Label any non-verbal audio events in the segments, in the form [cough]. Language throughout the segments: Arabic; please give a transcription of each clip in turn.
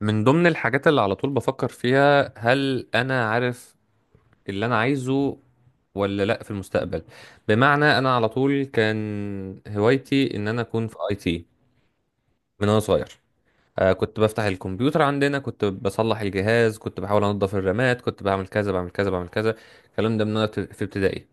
من ضمن الحاجات اللي على طول بفكر فيها هل انا عارف اللي انا عايزه ولا لا في المستقبل. بمعنى انا على طول كان هوايتي ان انا اكون في اي تي من وانا صغير. كنت بفتح الكمبيوتر عندنا، كنت بصلح الجهاز، كنت بحاول انضف الرامات، كنت بعمل كذا بعمل كذا بعمل كذا. الكلام ده من وانا في ابتدائي.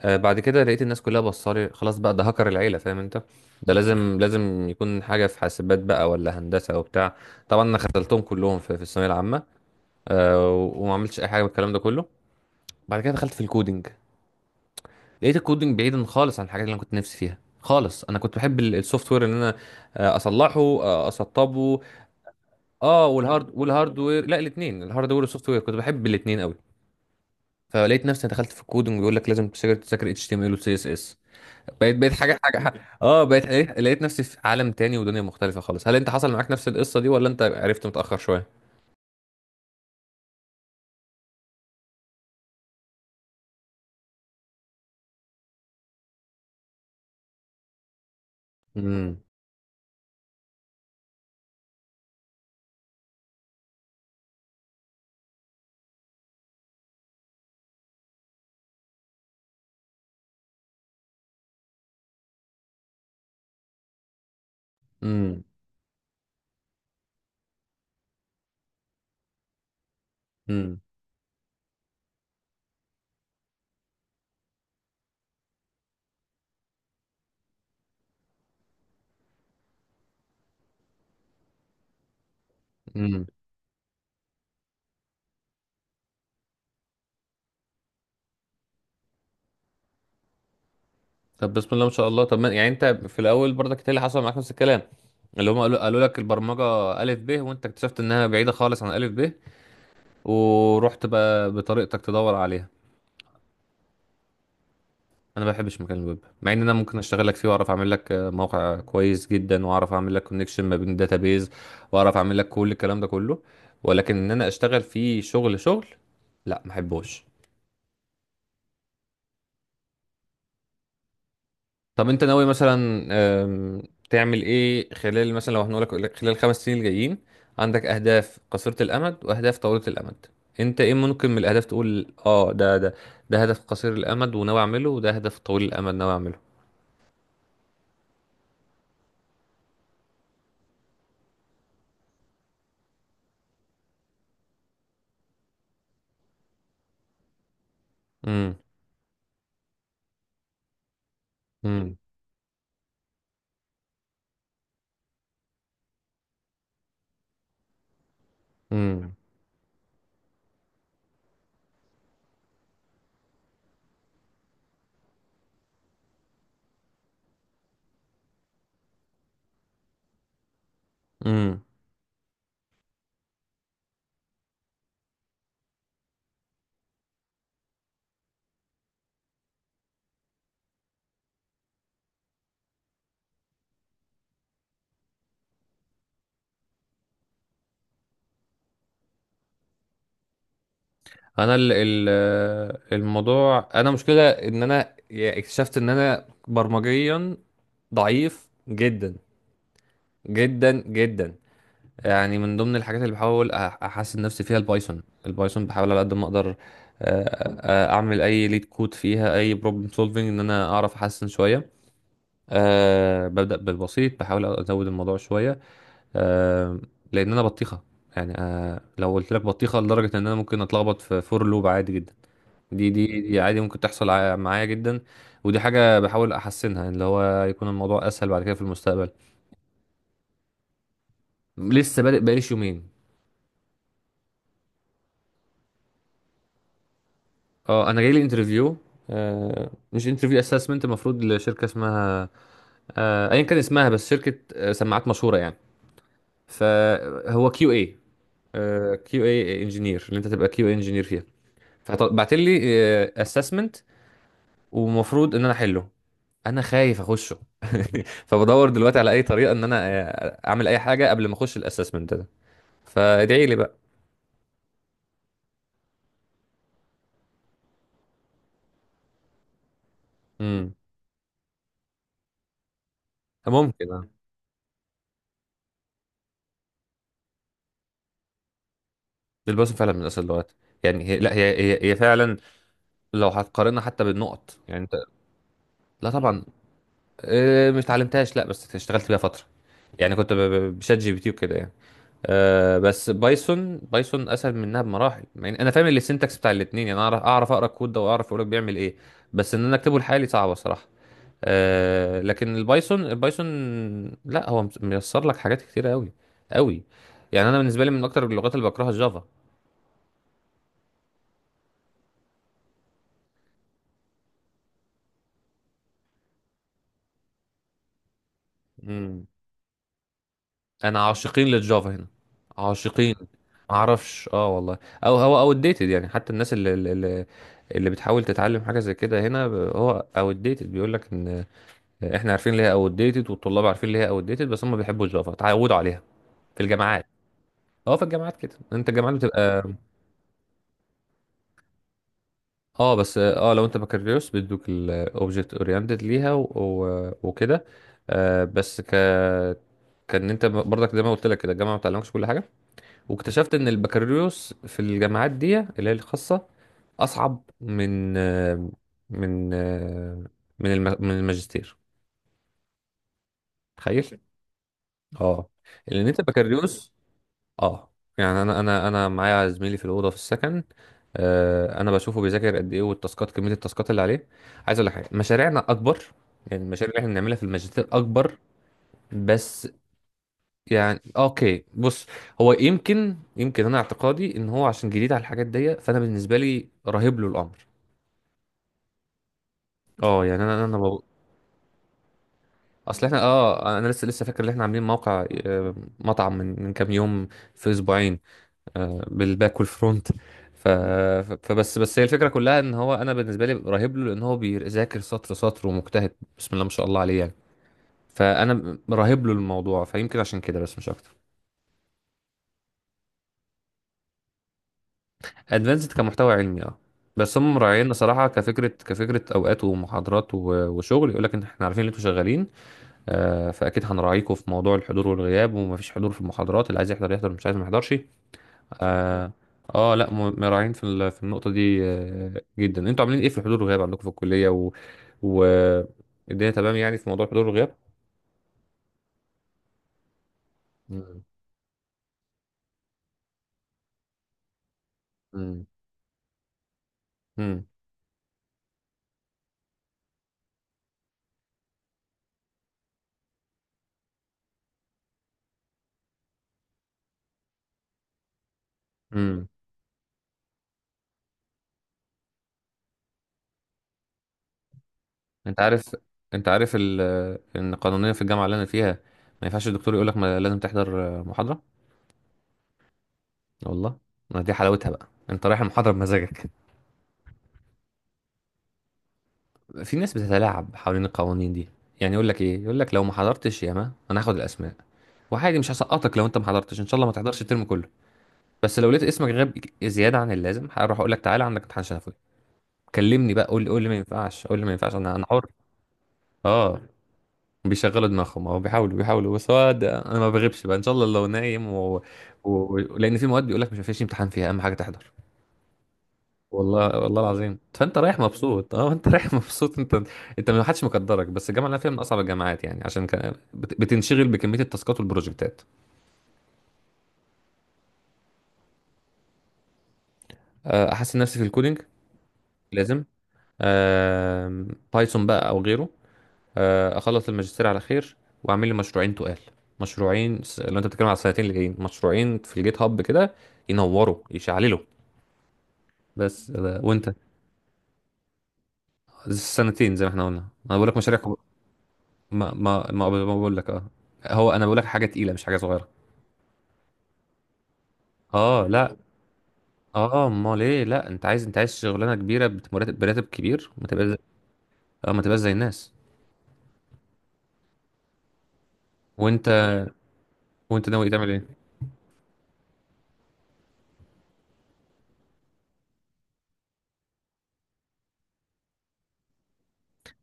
بعد كده لقيت الناس كلها بصالي خلاص بقى ده هكر العيلة، فاهم انت؟ ده لازم لازم يكون حاجة في حاسبات بقى ولا هندسة وبتاع. طبعا انا خذلتهم كلهم في الثانوية العامة. آه، وما عملتش اي حاجه من الكلام ده كله. بعد كده دخلت في الكودينج، لقيت الكودينج بعيدا خالص عن الحاجات اللي انا كنت نفسي فيها خالص. انا كنت بحب السوفت وير، ان انا اصلحه، اسطبه. اه والهارد والهاردوير لا الاثنين الهاردوير والسوفت وير كنت بحب الاثنين قوي. فلقيت نفسي دخلت في الكودينج، بيقول لك لازم تذاكر تذاكر اتش تي ام ال وسي اس اس. بقيت حاجه حاجه. اه بقيت لقيت نفسي في عالم تاني ودنيا مختلفه خالص. هل انت حصل معاك نفس القصه دي ولا انت عرفت متاخر شويه؟ امم. امم. امم. طب بسم الله ما شاء الله. طب ما يعني انت في الاول برضك إنت اللي حصل معاك نفس الكلام، اللي هم قالوا لك البرمجه الف ب، وانت اكتشفت انها بعيده خالص عن الف ب، ورحت بقى بطريقتك تدور عليها. انا ما بحبش مكان الويب، مع ان انا ممكن اشتغل لك فيه واعرف اعمل لك موقع كويس جدا، واعرف اعمل لك كونكشن ما بين داتابيز، واعرف اعمل لك كل الكلام ده كله، ولكن ان انا اشتغل فيه شغل، لا ما احبوش. طب انت ناوي مثلا، آم، تعمل ايه خلال، مثلا لو هنقولك، خلال 5 سنين الجايين؟ عندك اهداف قصيرة الامد واهداف طويلة الامد؟ انت ايه ممكن من الاهداف تقول اه ده ده ده هدف قصير الامد وناوي اعمله، وده هدف طويل الامد ناوي اعمله؟ امم. امم. امم. امم. انا ال ال الموضوع، انا مشكلة ان انا اكتشفت ان انا برمجيا ضعيف جدا جدا جدا. يعني من ضمن الحاجات اللي بحاول احسن نفسي فيها البايثون. بحاول على قد ما اقدر اعمل اي ليد كود فيها، اي بروبلم سولفنج، ان انا اعرف احسن شويه. أه ببدا بالبسيط، بحاول ازود الموضوع شويه. أه، لان انا بطيخه. يعني أه لو قلت لك بطيخه لدرجه ان انا ممكن اتلخبط في فور لوب عادي جدا. دي عادي ممكن تحصل معايا جدا. ودي حاجه بحاول احسنها، اللي هو يكون الموضوع اسهل بعد كده في المستقبل. لسه بادئ بقاليش يومين. اه انا جاي لي انترفيو، مش انترفيو، اسسمنت، المفروض لشركه اسمها، ايا كان اسمها، بس شركه سماعات مشهوره يعني. فهو كيو اي، كيو اي انجينير، اللي انت تبقى كيو اي انجينير فيها. فبعت لي اسسمنت، ومفروض ان انا احله. انا خايف اخشه. [laughs] فبدور دلوقتي على اي طريقه ان انا اعمل اي حاجه قبل ما اخش الاسسمنت ده. فادعي لي بقى. امم. ممكن، اه. الباسم فعلا من اصل اللغات. يعني هي لا هي فعلا، لو هتقارنها حتى بالنقط يعني، انت. لا طبعا. مش اتعلمتهاش، لا بس اشتغلت بيها فتره. يعني كنت بشات جي بي تي وكده يعني. أه بس بايثون اسهل منها بمراحل، يعني انا فاهم السنتكس بتاع الاثنين، يعني اعرف اقرا الكود ده واعرف يقولك بيعمل ايه، بس ان انا اكتبه لحالي صعبه صراحه. أه لكن البايثون، لا هو ميسر لك حاجات كتيره قوي قوي. يعني انا بالنسبه لي من اكتر اللغات اللي بكرهها الجافا. انا عاشقين للجافا هنا، عاشقين ما اعرفش، اه والله. او هو او ديتد، يعني حتى الناس اللي بتحاول تتعلم حاجه زي كده هنا هو او ديتد. بيقول لك ان احنا عارفين ليه او ديتد، والطلاب عارفين ليه او ديتد، بس هم بيحبوا الجافا اتعودوا عليها في الجامعات. اه في الجامعات كده، انت الجامعات بتبقى، اه بس اه لو انت بكالوريوس بيدوك الاوبجكت اورينتد ليها وكده. آه بس ك كان انت برضك زي ما قلت لك كده، الجامعه ما بتعلمكش كل حاجه. واكتشفت ان البكالوريوس في الجامعات دي اللي هي الخاصه، اصعب من، من، من من الماجستير. تخيل. اه لان انت بكالوريوس. اه يعني انا معايا زميلي في الاوضه في السكن، انا بشوفه بيذاكر قد ايه، والتاسكات، كميه التاسكات اللي عليه. عايز اقول لك حاجه، مشاريعنا اكبر، يعني المشاريع اللي احنا بنعملها في الماجستير اكبر. بس، يعني اوكي بص، هو يمكن انا اعتقادي ان هو عشان جديد على الحاجات دي، فانا بالنسبه لي رهيب له الامر. اه يعني اصل احنا اه انا لسه فاكر ان احنا عاملين موقع مطعم من، من كام يوم، في اسبوعين، بالباك والفرونت. ف... ف- فبس بس هي الفكره كلها ان هو انا بالنسبه لي رهيب له، لان هو بيذاكر سطر سطر، ومجتهد بسم الله ما شاء الله عليه يعني. فانا رهيب له الموضوع، فيمكن عشان كده بس مش اكتر. ادفانسد كمحتوى علمي، اه. بس هم مراعيين صراحه كفكره، كفكره اوقات ومحاضرات وشغل. يقول لك ان احنا عارفين ان انتوا شغالين، فاكيد هنراعيكم في موضوع الحضور والغياب. ومفيش حضور في المحاضرات، اللي عايز يحضر يحضر، مش عايز ما يحضرش. اه، لا مراعيين في في النقطه دي جدا. انتوا عاملين ايه في الحضور والغياب عندكم في الكليه و... الدنيا تمام يعني في موضوع الحضور والغياب؟ امم. امم. امم. انت عارف، انت عارف ال... ان قانونيا في الجامعه اللي انا فيها، ما ينفعش الدكتور يقول لك ما لازم تحضر محاضره. والله. ما دي حلاوتها بقى، انت رايح المحاضره بمزاجك. في ناس بتتلاعب حوالين القوانين دي، يعني يقول لك ايه، يقول لك لو ما حضرتش ياما انا هاخد الاسماء، وعادي مش هسقطك لو انت ما حضرتش، ان شاء الله ما تحضرش الترم كله. بس لو لقيت اسمك غاب زياده عن اللازم، هروح اقول لك تعالى عندك امتحان شفوي. كلمني بقى، قول لي ما ينفعش، قول لي ما ينفعش، انا انا حر. اه. بيشغلوا دماغهم، او بيحاولوا، بس هو انا ما بغيبش بقى ان شاء الله، لو نايم لان في مواد بيقول لك مش مفيش امتحان فيها، اهم حاجه تحضر. والله والله العظيم، فانت رايح مبسوط، اه انت رايح [laughs] مبسوط انت. انت ما حدش مقدرك، بس الجامعه اللي انا فيها من اصعب الجامعات، يعني عشان كان بتنشغل بكميه التاسكات والبروجكتات. احسن نفسي في الكودينج، لازم. آم، بايثون بقى او غيره. اخلص الماجستير على خير. واعمل لي مشروعين تقال، مشروعين لو انت بتتكلم على السنتين اللي جايين، مشروعين في الجيت هاب كده، ينوروا يشعللوا. بس وانت. السنتين زي ما احنا قلنا. انا بقول لك مشاريع ما ما ما ما بقول لك اه، هو انا بقول لك حاجه تقيله مش حاجه صغيره. اه لا. اه امال ايه، لا انت عايز، انت عايز شغلانه كبيره بمرتب براتب كبير، ما تبقاش اه ما تبقاش زي الناس. وانت، وانت ناوي تعمل ايه؟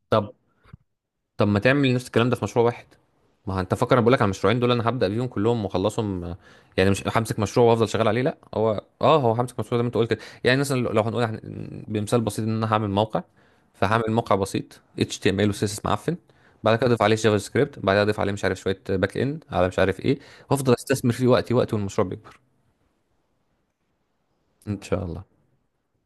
طب، طب ما تعمل نفس الكلام ده في مشروع واحد. ما هو انت فاكر انا بقول لك على المشروعين دول، انا هبدا بيهم كلهم واخلصهم. يعني مش همسك مشروع وافضل شغال عليه، لا هو اه هو همسك مشروع زي ما انت قلت كده، يعني مثلا لو لو هنقول بمثال بسيط، ان انا هعمل موقع. فهعمل موقع بسيط HTML و CSS معفن، بعد كده اضيف عليه جافا سكريبت، بعدها اضيف عليه مش عارف شويه باك اند على مش عارف ايه، وافضل استثمر فيه وقتي والمشروع بيكبر، ان شاء الله.